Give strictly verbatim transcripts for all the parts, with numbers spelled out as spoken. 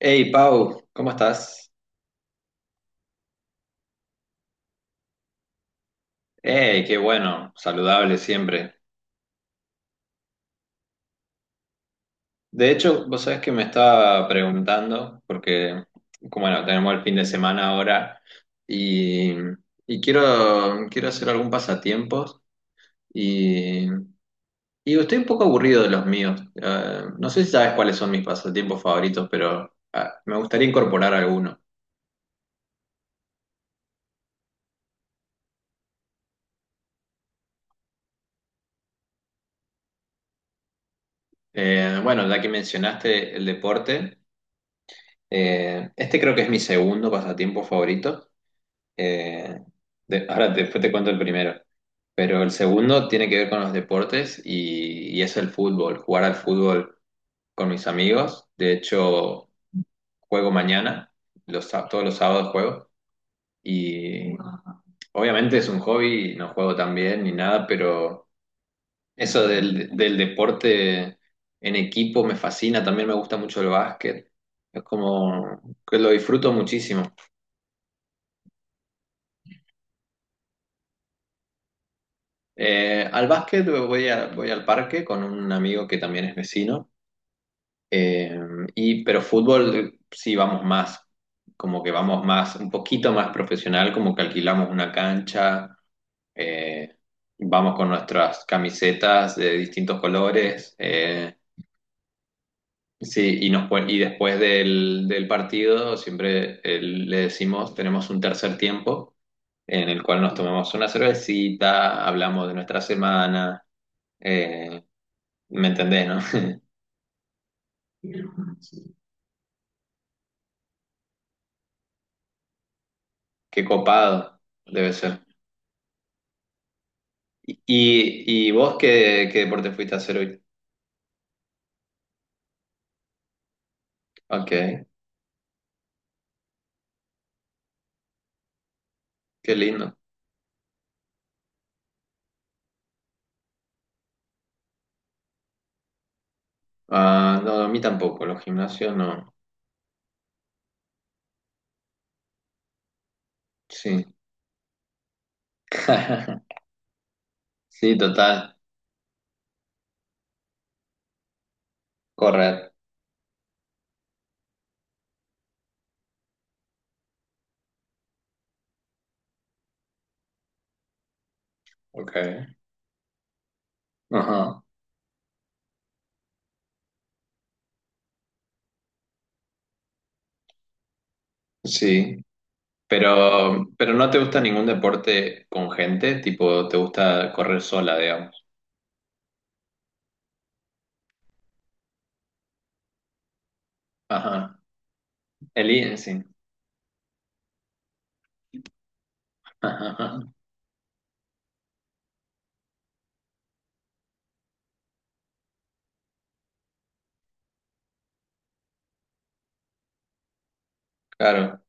Hey Pau, ¿cómo estás? Hey, qué bueno, saludable siempre. De hecho, vos sabés que me estaba preguntando, porque, como bueno, tenemos el fin de semana ahora y, y quiero, quiero hacer algún pasatiempos y, y estoy un poco aburrido de los míos. Eh, no sé si sabes cuáles son mis pasatiempos favoritos, pero ah, me gustaría incorporar alguno. Eh, bueno, ya que mencionaste el deporte, eh, este creo que es mi segundo pasatiempo favorito. Eh, de- Ahora después te cuento el primero. Pero el segundo tiene que ver con los deportes y, y es el fútbol, jugar al fútbol con mis amigos. De hecho, juego mañana, los, sá- todos los sábados juego. Y obviamente es un hobby, no juego tan bien ni nada, pero eso del, del deporte en equipo me fascina. También me gusta mucho el básquet. Es como que lo disfruto muchísimo. Eh, al básquet voy, a- voy al parque con un amigo que también es vecino. eh, y, pero fútbol eh, sí vamos más, como que vamos más, un poquito más profesional, como que alquilamos una cancha, eh, vamos con nuestras camisetas de distintos colores. eh, Sí, y, nos, pue- y después del, del partido siempre eh, le decimos, tenemos un tercer tiempo en el cual nos tomamos una cervecita, hablamos de nuestra semana, eh, ¿me entendés, no? Qué copado debe ser. ¿Y, y vos qué, qué deporte fuiste a hacer hoy? Ok, qué lindo. Ah, no, a mí tampoco, los gimnasios no. Sí. Sí, total. Correr. Ok. Ajá. Sí. Pero, pero no te gusta ningún deporte con gente, tipo, te gusta correr sola, digamos. Ajá. El in- sí. Ajá, ajá. Claro,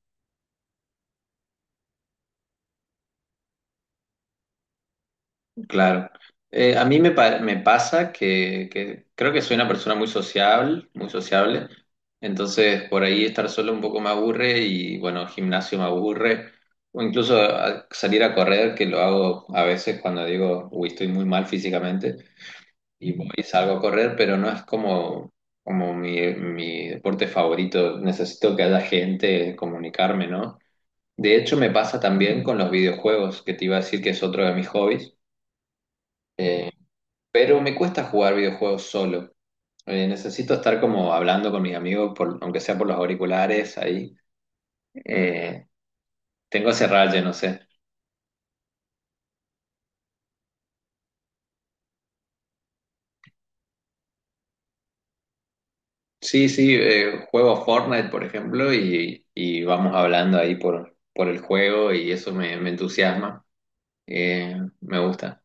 claro. Eh, a mí me, pa- me pasa que, que creo que soy una persona muy sociable, muy sociable. Entonces, por ahí estar solo un poco me aburre y, bueno, gimnasio me aburre. O incluso a- salir a correr, que lo hago a veces cuando digo, uy, estoy muy mal físicamente. Y voy y salgo a correr, pero no es como, como mi, mi deporte favorito. Necesito que haya gente, comunicarme, ¿no? De hecho, me pasa también con los videojuegos, que te iba a decir que es otro de mis hobbies, eh, pero me cuesta jugar videojuegos solo. Eh, necesito estar como hablando con mis amigos, por- aunque sea por los auriculares, ahí. Eh, Tengo ese raye, no sé. Sí, sí, eh, juego Fortnite, por ejemplo, y, y vamos hablando ahí por, por el juego y eso me me entusiasma. Eh, me gusta.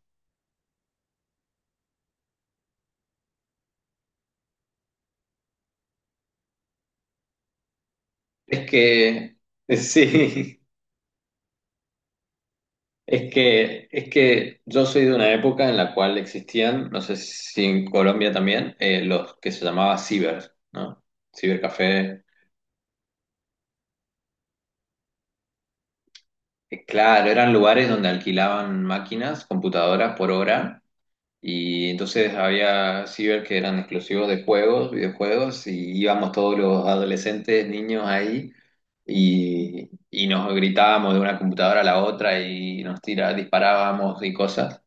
Es que, sí, es que, es que yo soy de una época en la cual existían, no sé si en Colombia también, eh, los que se llamaba ciber, ¿no? Cibercafé. Eh, claro, eran lugares donde alquilaban máquinas, computadoras por hora. Y entonces había ciber que eran exclusivos de juegos, videojuegos, y íbamos todos los adolescentes, niños ahí, y, y nos gritábamos de una computadora a la otra y nos tira, disparábamos y cosas.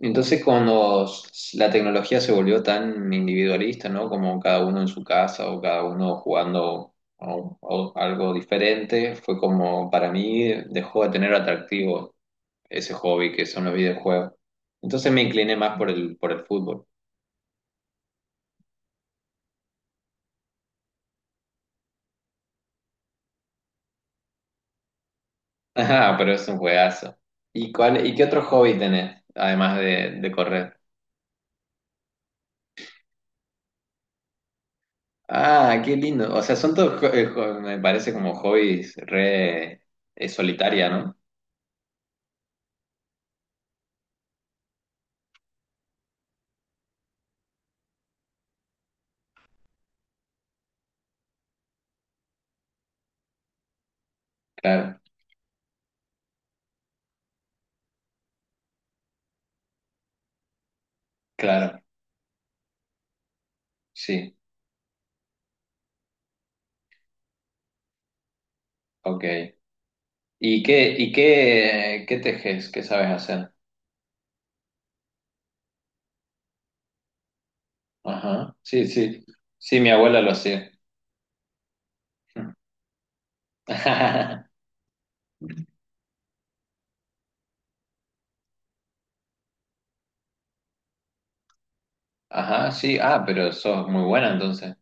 Entonces, cuando s- la tecnología se volvió tan individualista, ¿no? Como cada uno en su casa o cada uno jugando a un- a algo diferente, fue como para mí dejó de tener atractivo ese hobby que son los videojuegos. Entonces me incliné más por el, por el fútbol. Ajá, pero es un juegazo. ¿Y cuál, y qué otro hobby tenés, además de, de correr? Ah, qué lindo. O sea, son todos, jo- eh, jo- me parece como hobbies re eh, solitaria, ¿no? Claro, claro. Sí, ok. ¿Y qué, y qué, qué tejes? ¿Qué sabes hacer? Ajá, sí, sí. Sí, mi abuela lo hacía. Ajá, sí. Ah, pero sos muy buena entonces.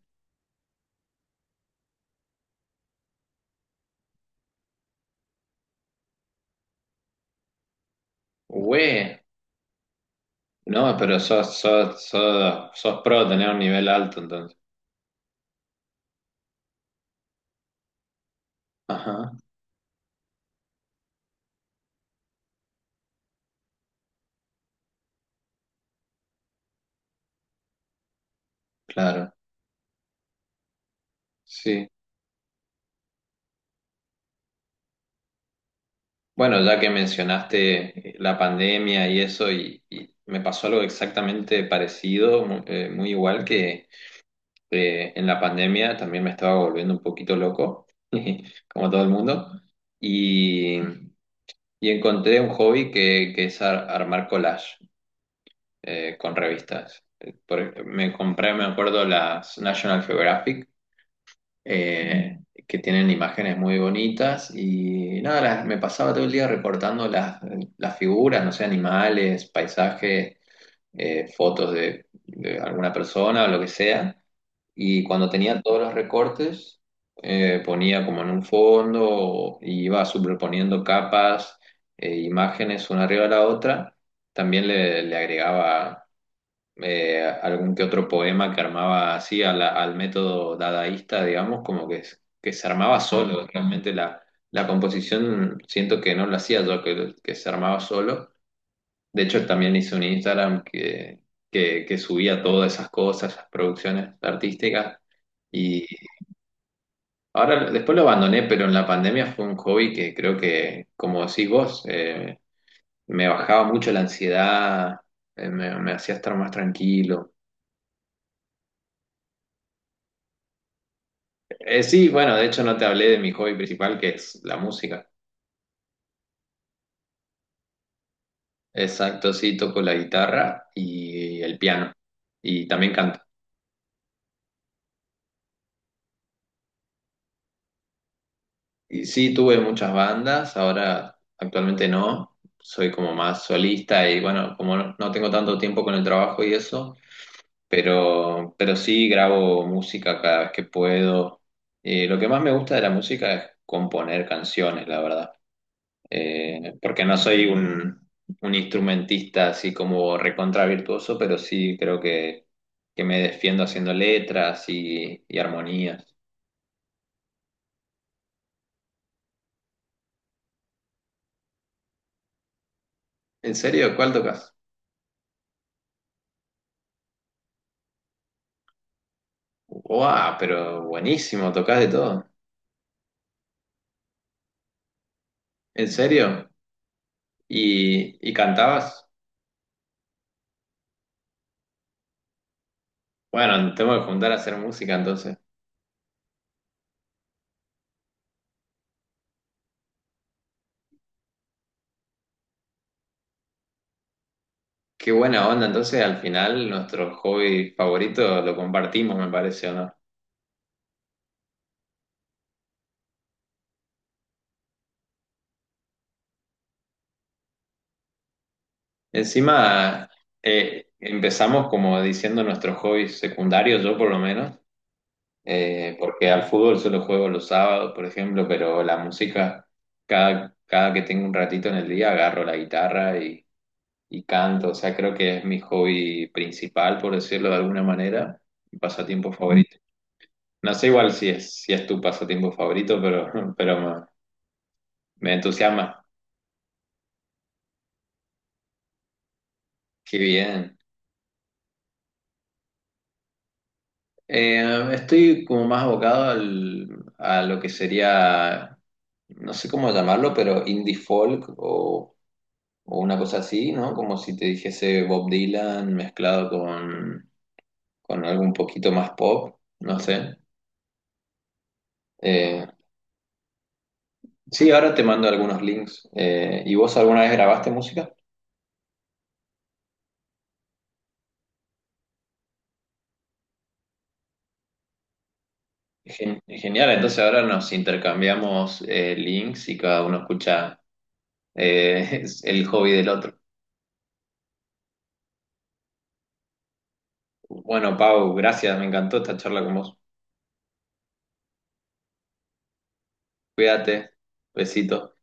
Güey. No, pero sos, sos, sos, sos pro, tenés un nivel alto entonces. Ajá, claro. Sí. Bueno, ya que mencionaste eh, la pandemia y eso, y, y me pasó algo exactamente parecido, mu- eh, muy igual que... eh, En la pandemia también me estaba volviendo un poquito loco, como todo el mundo, y, y encontré un hobby que, que es ar- armar collage eh, con revistas. Eh, por ej- me compré, me acuerdo, las National Geographic, eh, que tienen imágenes muy bonitas, y nada, las- me pasaba todo el día recortando las, las figuras, no sé, animales, paisajes, eh, fotos de de alguna persona o lo que sea y cuando tenía todos los recortes, eh, ponía como en un fondo y iba superponiendo capas, eh, imágenes una arriba de la otra. También le, le agregaba eh, algún que otro poema que armaba así a la- al método dadaísta, digamos, como que, es- que se armaba solo. Realmente la, la composición siento que no lo hacía yo, que, que se armaba solo. De hecho, también hice un Instagram que, que, que subía todas esas cosas, esas producciones artísticas. Y ahora, después lo abandoné, pero en la pandemia fue un hobby que creo que, como decís vos, eh, me bajaba mucho la ansiedad, eh, me, me hacía estar más tranquilo. Eh, sí, bueno, de hecho no te hablé de mi hobby principal, que es la música. Exacto, sí, toco la guitarra y el piano. Y también canto. Y sí, tuve muchas bandas, ahora actualmente no, soy como más solista y bueno, como no, no tengo tanto tiempo con el trabajo y eso, pero, pero sí grabo música cada vez que puedo. Eh, lo que más me gusta de la música es componer canciones, la verdad. Eh, porque no soy un, un instrumentista así como recontra virtuoso, pero sí creo que, que me defiendo haciendo letras y, y armonías. ¿En serio? ¿Cuál tocas? Wow, pero buenísimo, tocás de todo. ¿En serio? ¿Y, y cantabas? Bueno, tengo que juntar a hacer música entonces. Qué buena onda, entonces al final nuestro hobby favorito lo compartimos, me parece, ¿o no? Encima, eh, empezamos como diciendo nuestros hobbies secundarios, yo por lo menos, eh, porque al fútbol solo juego los sábados, por ejemplo, pero la música, cada, cada que tengo un ratito en el día, agarro la guitarra y canto, o sea, creo que es mi hobby principal, por decirlo de alguna manera, mi pasatiempo favorito. No sé igual si es, si es tu pasatiempo favorito, pero, pero me, me entusiasma. Qué bien. Eh, estoy como más abocado al, a lo que sería, no sé cómo llamarlo, pero indie folk o, o una cosa así, ¿no? Como si te dijese Bob Dylan mezclado con, con algo un poquito más pop, no sé. Eh, Sí, ahora te mando algunos links. Eh, ¿y vos alguna vez grabaste música? Gen- genial, entonces ahora nos intercambiamos eh, links y cada uno escucha eh, es el hobby del otro. Bueno, Pau, gracias, me encantó esta charla con vos. Cuídate, besito.